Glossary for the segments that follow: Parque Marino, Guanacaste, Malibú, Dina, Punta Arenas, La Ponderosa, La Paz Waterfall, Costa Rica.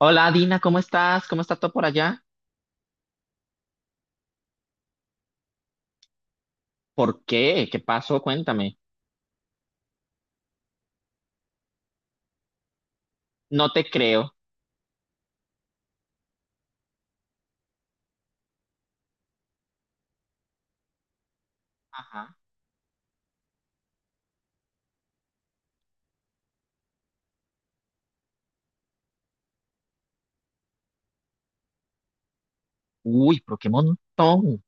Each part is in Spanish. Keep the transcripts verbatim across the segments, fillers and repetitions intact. Hola Dina, ¿cómo estás? ¿Cómo está todo por allá? ¿Por qué? ¿Qué pasó? Cuéntame. No te creo. Ajá. Uy, pero qué montón.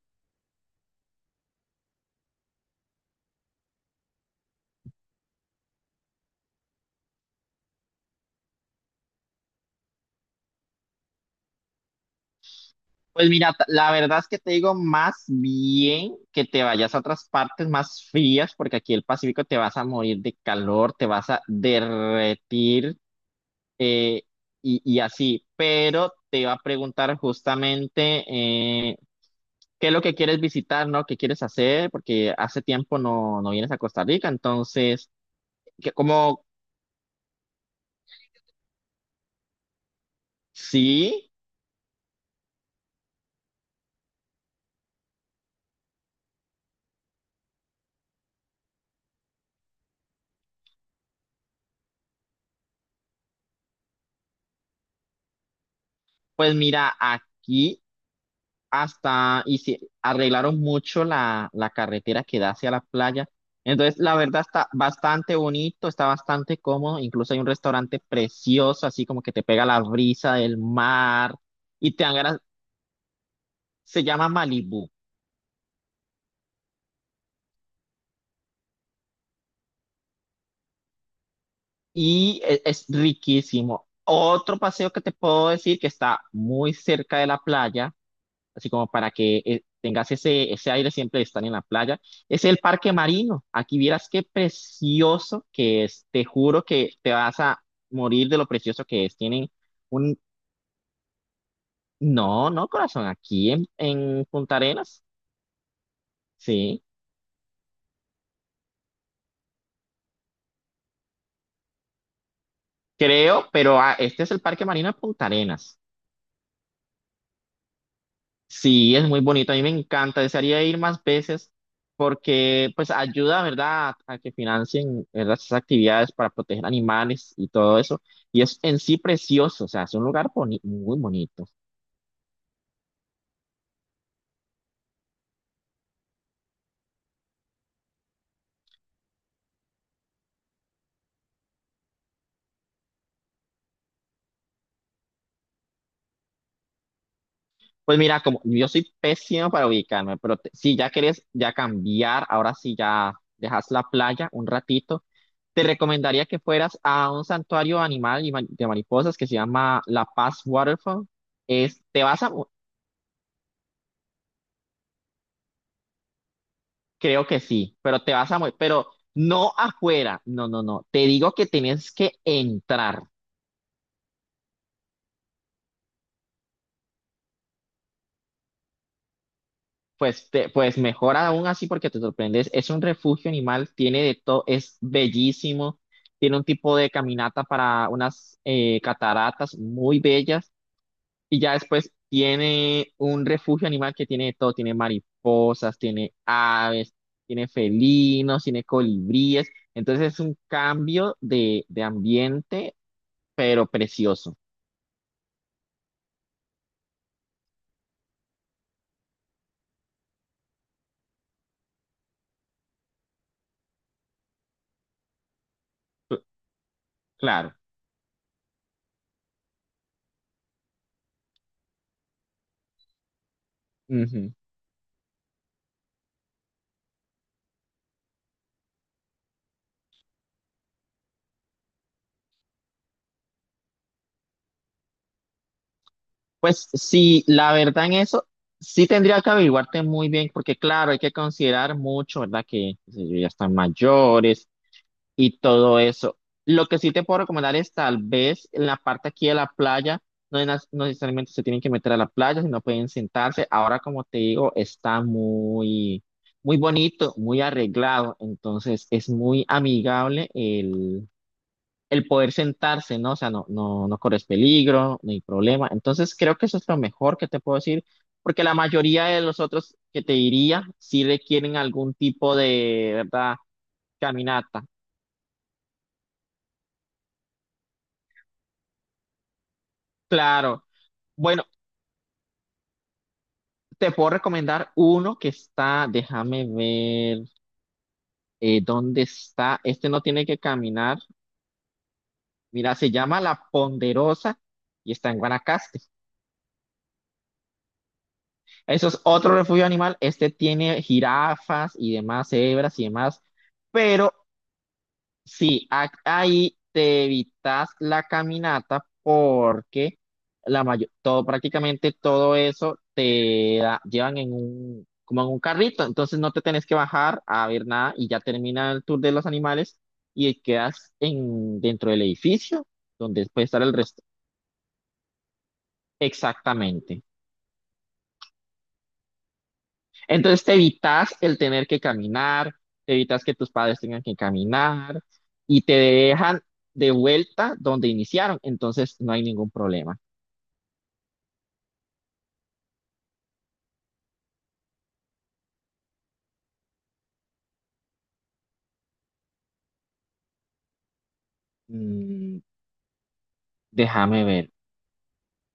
Pues mira, t- la verdad es que te digo más bien que te vayas a otras partes más frías, porque aquí el Pacífico te vas a morir de calor, te vas a derretir eh, y, y así. Pero te iba a preguntar justamente eh, qué es lo que quieres visitar, ¿no? ¿Qué quieres hacer? Porque hace tiempo no, no vienes a Costa Rica, entonces... ¿qué- ¿Cómo? Sí, pues mira, aquí hasta y si arreglaron mucho la, la carretera que da hacia la playa. Entonces, la verdad está bastante bonito, está bastante cómodo. Incluso hay un restaurante precioso, así como que te pega la brisa del mar y te dan ganas. Se llama Malibú y e- es riquísimo. Otro paseo que te puedo decir que está muy cerca de la playa así como para que eh, tengas ese, ese aire siempre de estar en la playa. Es el Parque Marino. Aquí vieras qué precioso que es. Te juro que te vas a morir de lo precioso que es. Tienen un... No, no, corazón, aquí en, en Punta Arenas, sí, creo, pero ah, este es el Parque Marino de Punta Arenas. Sí, es muy bonito. A mí me encanta. Desearía ir más veces porque pues ayuda, ¿verdad?, a que financien, ¿verdad?, esas actividades para proteger animales y todo eso. Y es en sí precioso, o sea, es un lugar boni- muy bonito. Pues mira, como yo soy pésimo para ubicarme, pero te- si ya querés ya cambiar, ahora sí ya dejas la playa un ratito, te recomendaría que fueras a un santuario animal y ma- de mariposas que se llama La Paz Waterfall. Es, te vas a... Creo que sí, pero te vas a morir, pero no afuera, no, no, no, te digo que tienes que entrar, pues, te- pues mejor aún así porque te sorprendes, es un refugio animal, tiene de todo, es bellísimo, tiene un tipo de caminata para unas eh, cataratas muy bellas y ya después tiene un refugio animal que tiene de todo, tiene mariposas, tiene aves, tiene felinos, tiene colibríes, entonces es un cambio de, de ambiente pero precioso. Cl- Claro. Ujú. Pues sí, la verdad en eso sí tendría que averiguarte muy bien, porque claro, hay que considerar mucho, ¿verdad? Que qué sé yo, ya están mayores y todo eso. Lo que sí te puedo recomendar es tal vez en la parte aquí de la playa, no, es nas- no necesariamente se tienen que meter a la playa, sino pueden sentarse. Ahora, como te digo, está muy, muy bonito, muy arreglado, entonces es muy amigable el poder sentarse, ¿no? O sea, no, no, no corres peligro, ni problema. Entonces, creo que eso es lo mejor que te puedo decir, porque la mayoría de los otros que te diría sí requieren algún tipo de, ¿verdad? Caminata. Claro. Bueno, te puedo recomendar uno que está, déjame ver, eh, ¿dónde está? Este no tiene que caminar. Mira, se llama La Ponderosa y está en Guanacaste. Eso es otro refugio animal. Este tiene jirafas y demás, cebras y demás, pero sí, a- ahí te evitas la caminata porque la mayor, todo, prácticamente todo eso te da- llevan en un, como en un carrito, entonces no te tenés que bajar a ver nada y ya termina el tour de los animales y quedas en, dentro del edificio donde puede estar el resto. Exactamente. Entonces te evitas el tener que caminar, te evitas que tus padres tengan que caminar y te dejan de vuelta donde iniciaron. Entonces no hay ningún problema. Mm, déjame ver,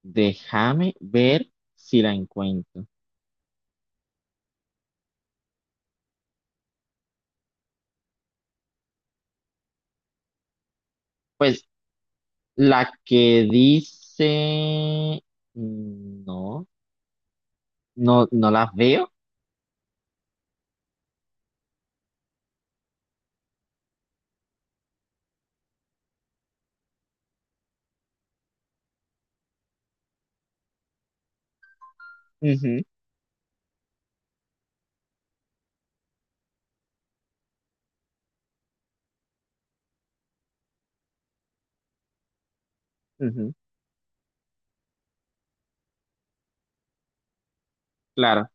déjame ver si la encuentro. Pues la que dice, mm, no, no, no la veo. Ujú, ujú, claro.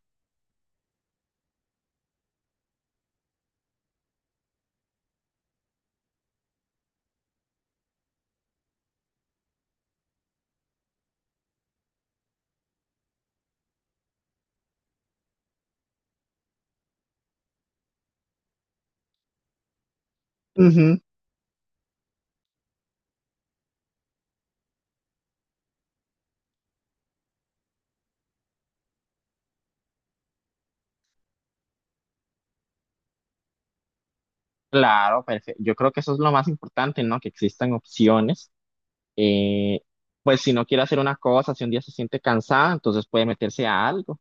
Ujú, claro, perfecto. Yo creo que eso es lo más importante, ¿no? Que existan opciones. Eh, pues si no quiere hacer una cosa, si un día se siente cansada, entonces puede meterse a algo.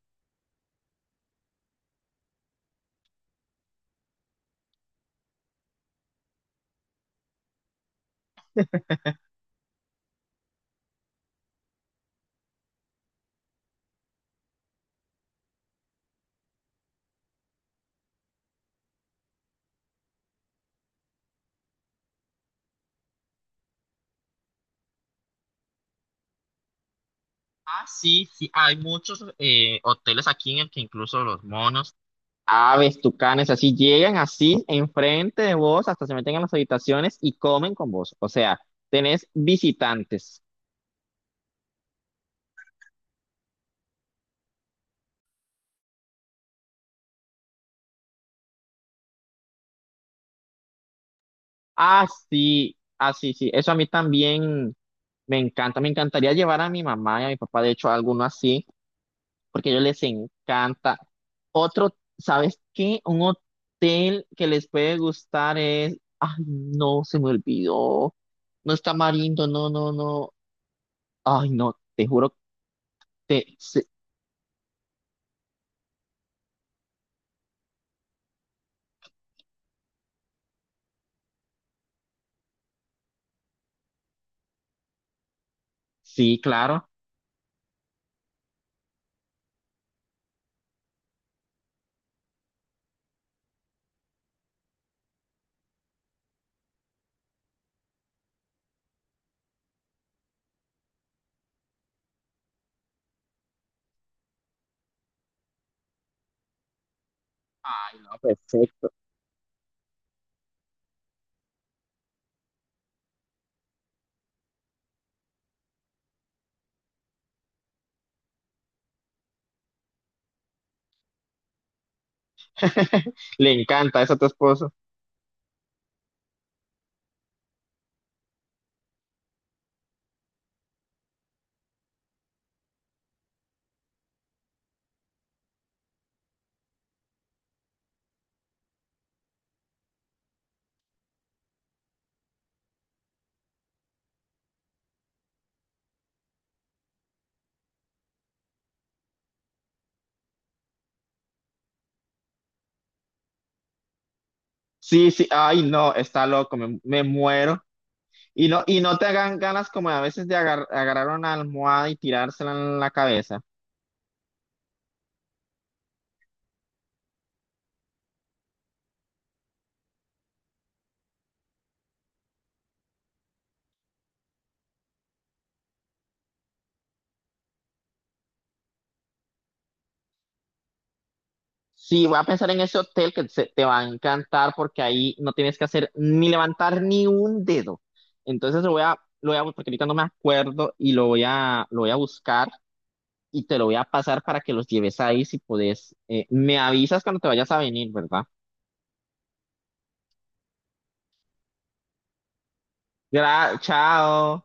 Ah, sí, sí, hay muchos eh, hoteles aquí en el que incluso los monos. Aves, tucanes, así llegan así enfrente de vos, hasta se meten en las habitaciones y comen con vos. O sea, tenés visitantes. Ah, así, así, sí, sí. Eso a mí también me encanta. Me encantaría llevar a mi mamá y a mi papá, de hecho, a alguno así, porque a ellos les encanta. Otro, ¿sabes qué? Un hotel que les puede gustar es, ay, no, se me olvidó. No está Marindo, no, no, no. Ay, no, te juro, te, sí, sí, claro. Ay, no, perfecto. Le encanta eso a tu esposo. Sí, sí, ay, no, está loco, me, me muero. Y no, y no te hagan ganas como a veces de agar- agarrar una almohada y tirársela en la cabeza. Sí, voy a pensar en ese hotel que se- te va a encantar porque ahí no tienes que hacer ni levantar ni un dedo. Entonces lo voy a, lo voy a, porque ahorita no me acuerdo y lo voy a, lo voy a buscar y te lo voy a pasar para que los lleves ahí si podés. Eh, me avisas cuando te vayas a venir, ¿verdad? Gra- chao.